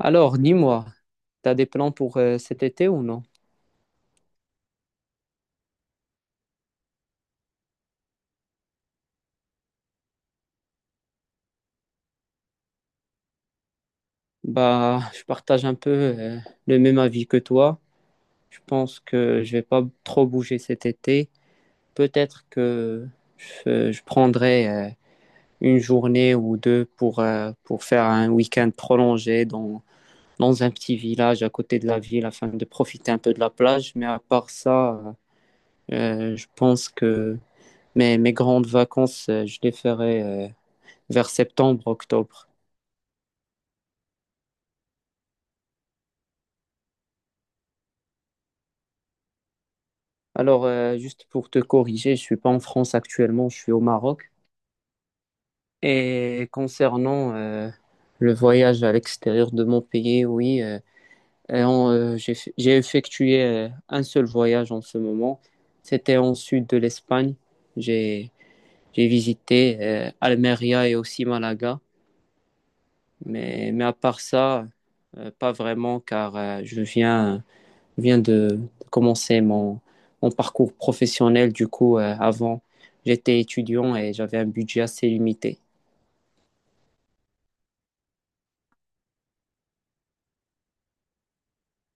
Alors, dis-moi, t'as des plans pour cet été ou non? Bah, je partage un peu le même avis que toi. Je pense que je vais pas trop bouger cet été. Peut-être que je prendrai une journée ou deux pour faire un week-end prolongé dans, dans un petit village à côté de la ville afin de profiter un peu de la plage. Mais à part ça, euh, je pense que mes grandes vacances, je les ferai vers septembre, octobre. Alors, juste pour te corriger, je suis pas en France actuellement, je suis au Maroc. Et concernant le voyage à l'extérieur de mon pays, oui, et en, j'ai effectué un seul voyage en ce moment. C'était en sud de l'Espagne. J'ai, j'ai visité Almeria et aussi Malaga. Mais à part ça, pas vraiment, car Je viens de commencer mon parcours professionnel. Du coup, avant, j'étais étudiant et j'avais un budget assez limité.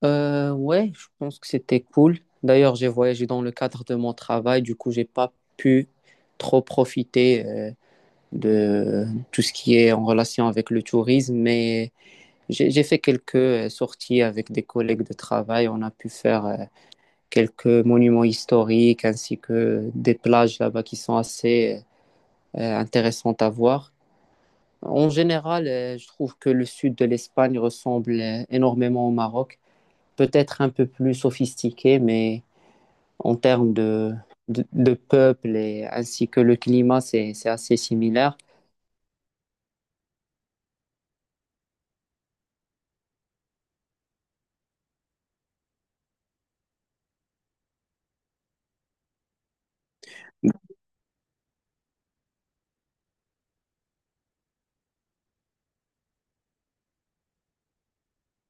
Ouais, je pense que c'était cool. D'ailleurs, j'ai voyagé dans le cadre de mon travail. Du coup, j'ai pas pu trop profiter de tout ce qui est en relation avec le tourisme, mais j'ai fait quelques sorties avec des collègues de travail. On a pu faire quelques monuments historiques ainsi que des plages là-bas qui sont assez intéressante à voir. En général, je trouve que le sud de l'Espagne ressemble énormément au Maroc, peut-être un peu plus sophistiqué, mais en termes de peuple et ainsi que le climat, c'est assez similaire.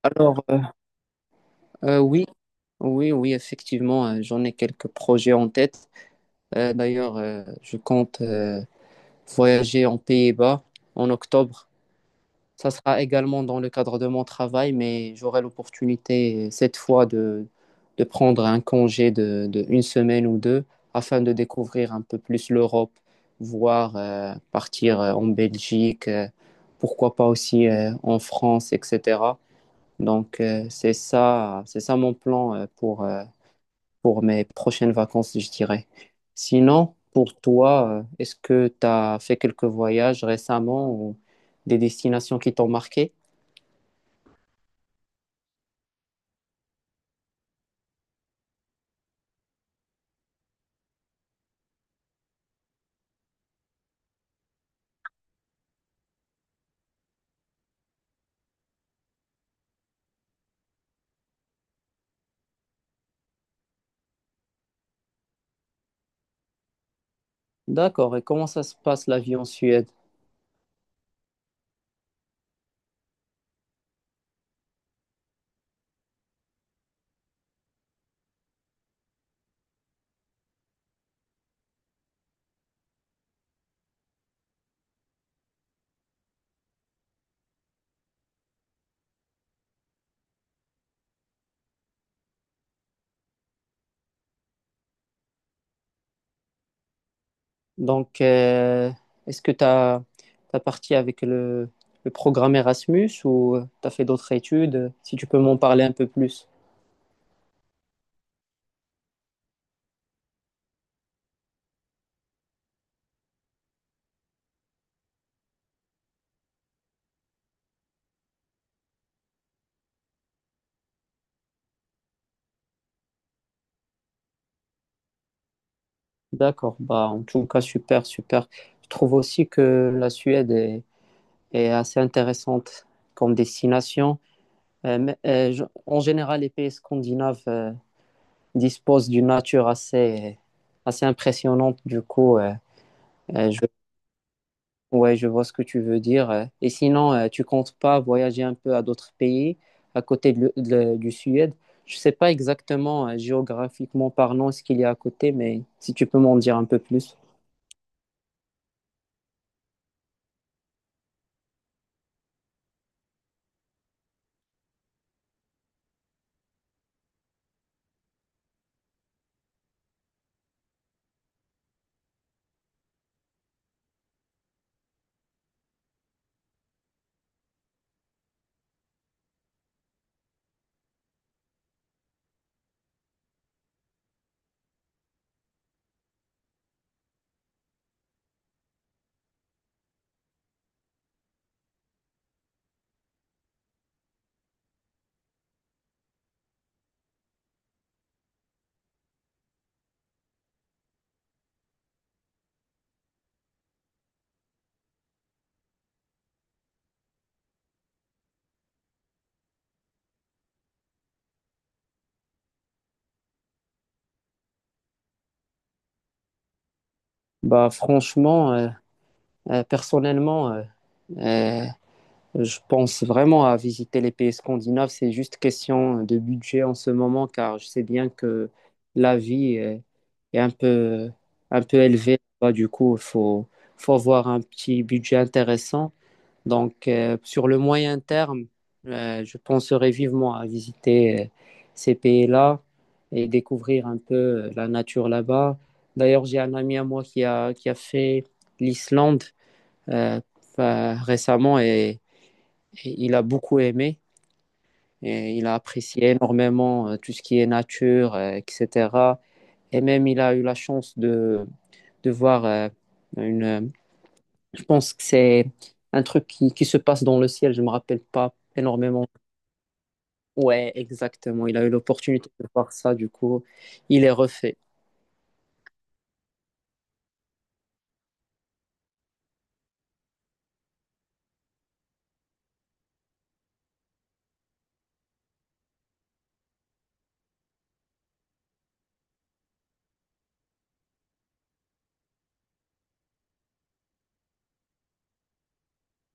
Alors, oui, oui, oui, effectivement, j'en ai quelques projets en tête. D'ailleurs, je compte voyager en Pays-Bas en octobre. Ça sera également dans le cadre de mon travail, mais j'aurai l'opportunité cette fois de prendre un congé de une semaine ou deux afin de découvrir un peu plus l'Europe, voire partir en Belgique, pourquoi pas aussi en France, etc. Donc c'est ça mon plan pour mes prochaines vacances, je dirais. Sinon, pour toi, est-ce que tu as fait quelques voyages récemment ou des destinations qui t'ont marqué? D'accord. Et comment ça se passe la vie en Suède? Donc, est-ce que tu as, parti avec le programme Erasmus ou tu as fait d'autres études? Si tu peux m'en parler un peu plus. D'accord. Bah, en tout cas, super, super. Je trouve aussi que la Suède est assez intéressante comme destination. En général, les pays scandinaves disposent d'une nature assez, assez impressionnante. Du coup, je Ouais, je vois ce que tu veux dire. Et sinon, tu comptes pas voyager un peu à d'autres pays à côté du Suède? Je sais pas exactement, géographiquement parlant, ce qu'il y a à côté, mais si tu peux m'en dire un peu plus. Bah, franchement, personnellement, euh, Je pense vraiment à visiter les pays scandinaves. C'est juste question de budget en ce moment, car je sais bien que la vie est un peu élevée. Bah, du coup, faut avoir un petit budget intéressant. Donc, sur le moyen terme, je penserai vivement à visiter ces pays-là et découvrir un peu la nature là-bas. D'ailleurs, j'ai un ami à moi qui a fait l'Islande euh, bah, récemment et il a beaucoup aimé. Et il a apprécié énormément tout ce qui est nature, etc. Et même, il a eu la chance de voir une. Je pense que c'est un truc qui se passe dans le ciel. Je ne me rappelle pas énormément. Ouais, exactement. Il a eu l'opportunité de voir ça. Du coup, il est refait.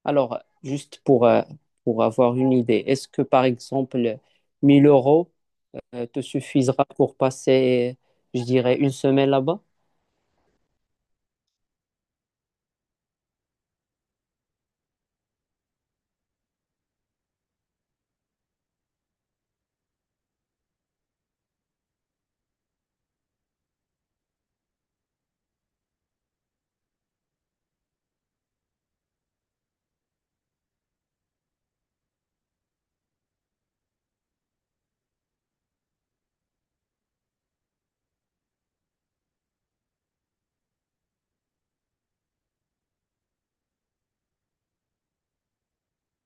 Alors, juste pour avoir une idée, est-ce que par exemple, 1 000 € te suffisera pour passer, je dirais, une semaine là-bas?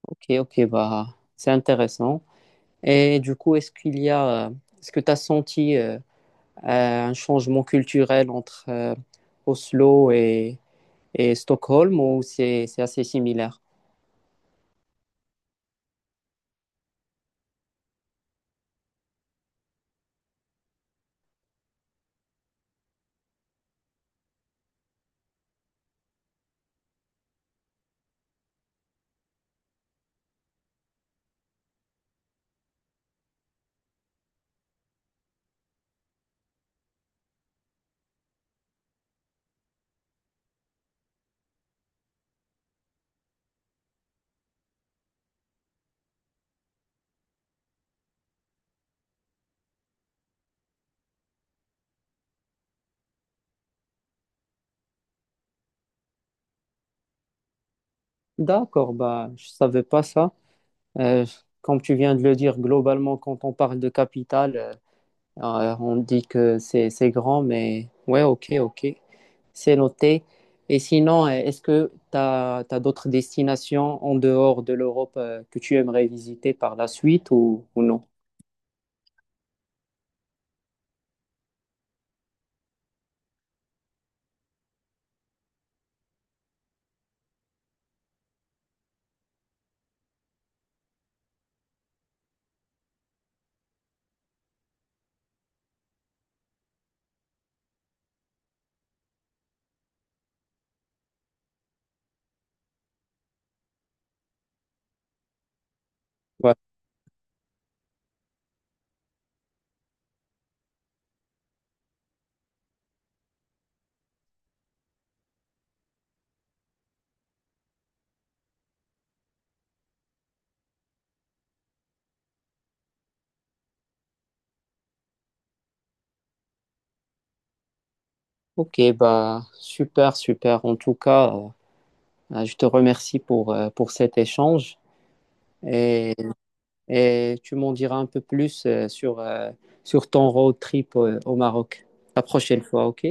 Ok, ok, bah, c'est intéressant. Et du coup, est-ce qu'il y a, est-ce que tu as senti un changement culturel entre Oslo et Stockholm ou c'est assez similaire? D'accord, bah, je savais pas ça. Euh, Comme tu viens de le dire, globalement, quand on parle de capitale, on dit que c'est grand, mais ouais, ok, ok. C'est noté. Et sinon, est-ce que tu as, d'autres destinations en dehors de l'Europe que tu aimerais visiter par la suite ou non? Ouais. Ok, bah super, super. En tout cas, bah, je te remercie pour cet échange et, et tu m'en diras un peu plus sur, sur ton road trip au Maroc la prochaine fois, ok?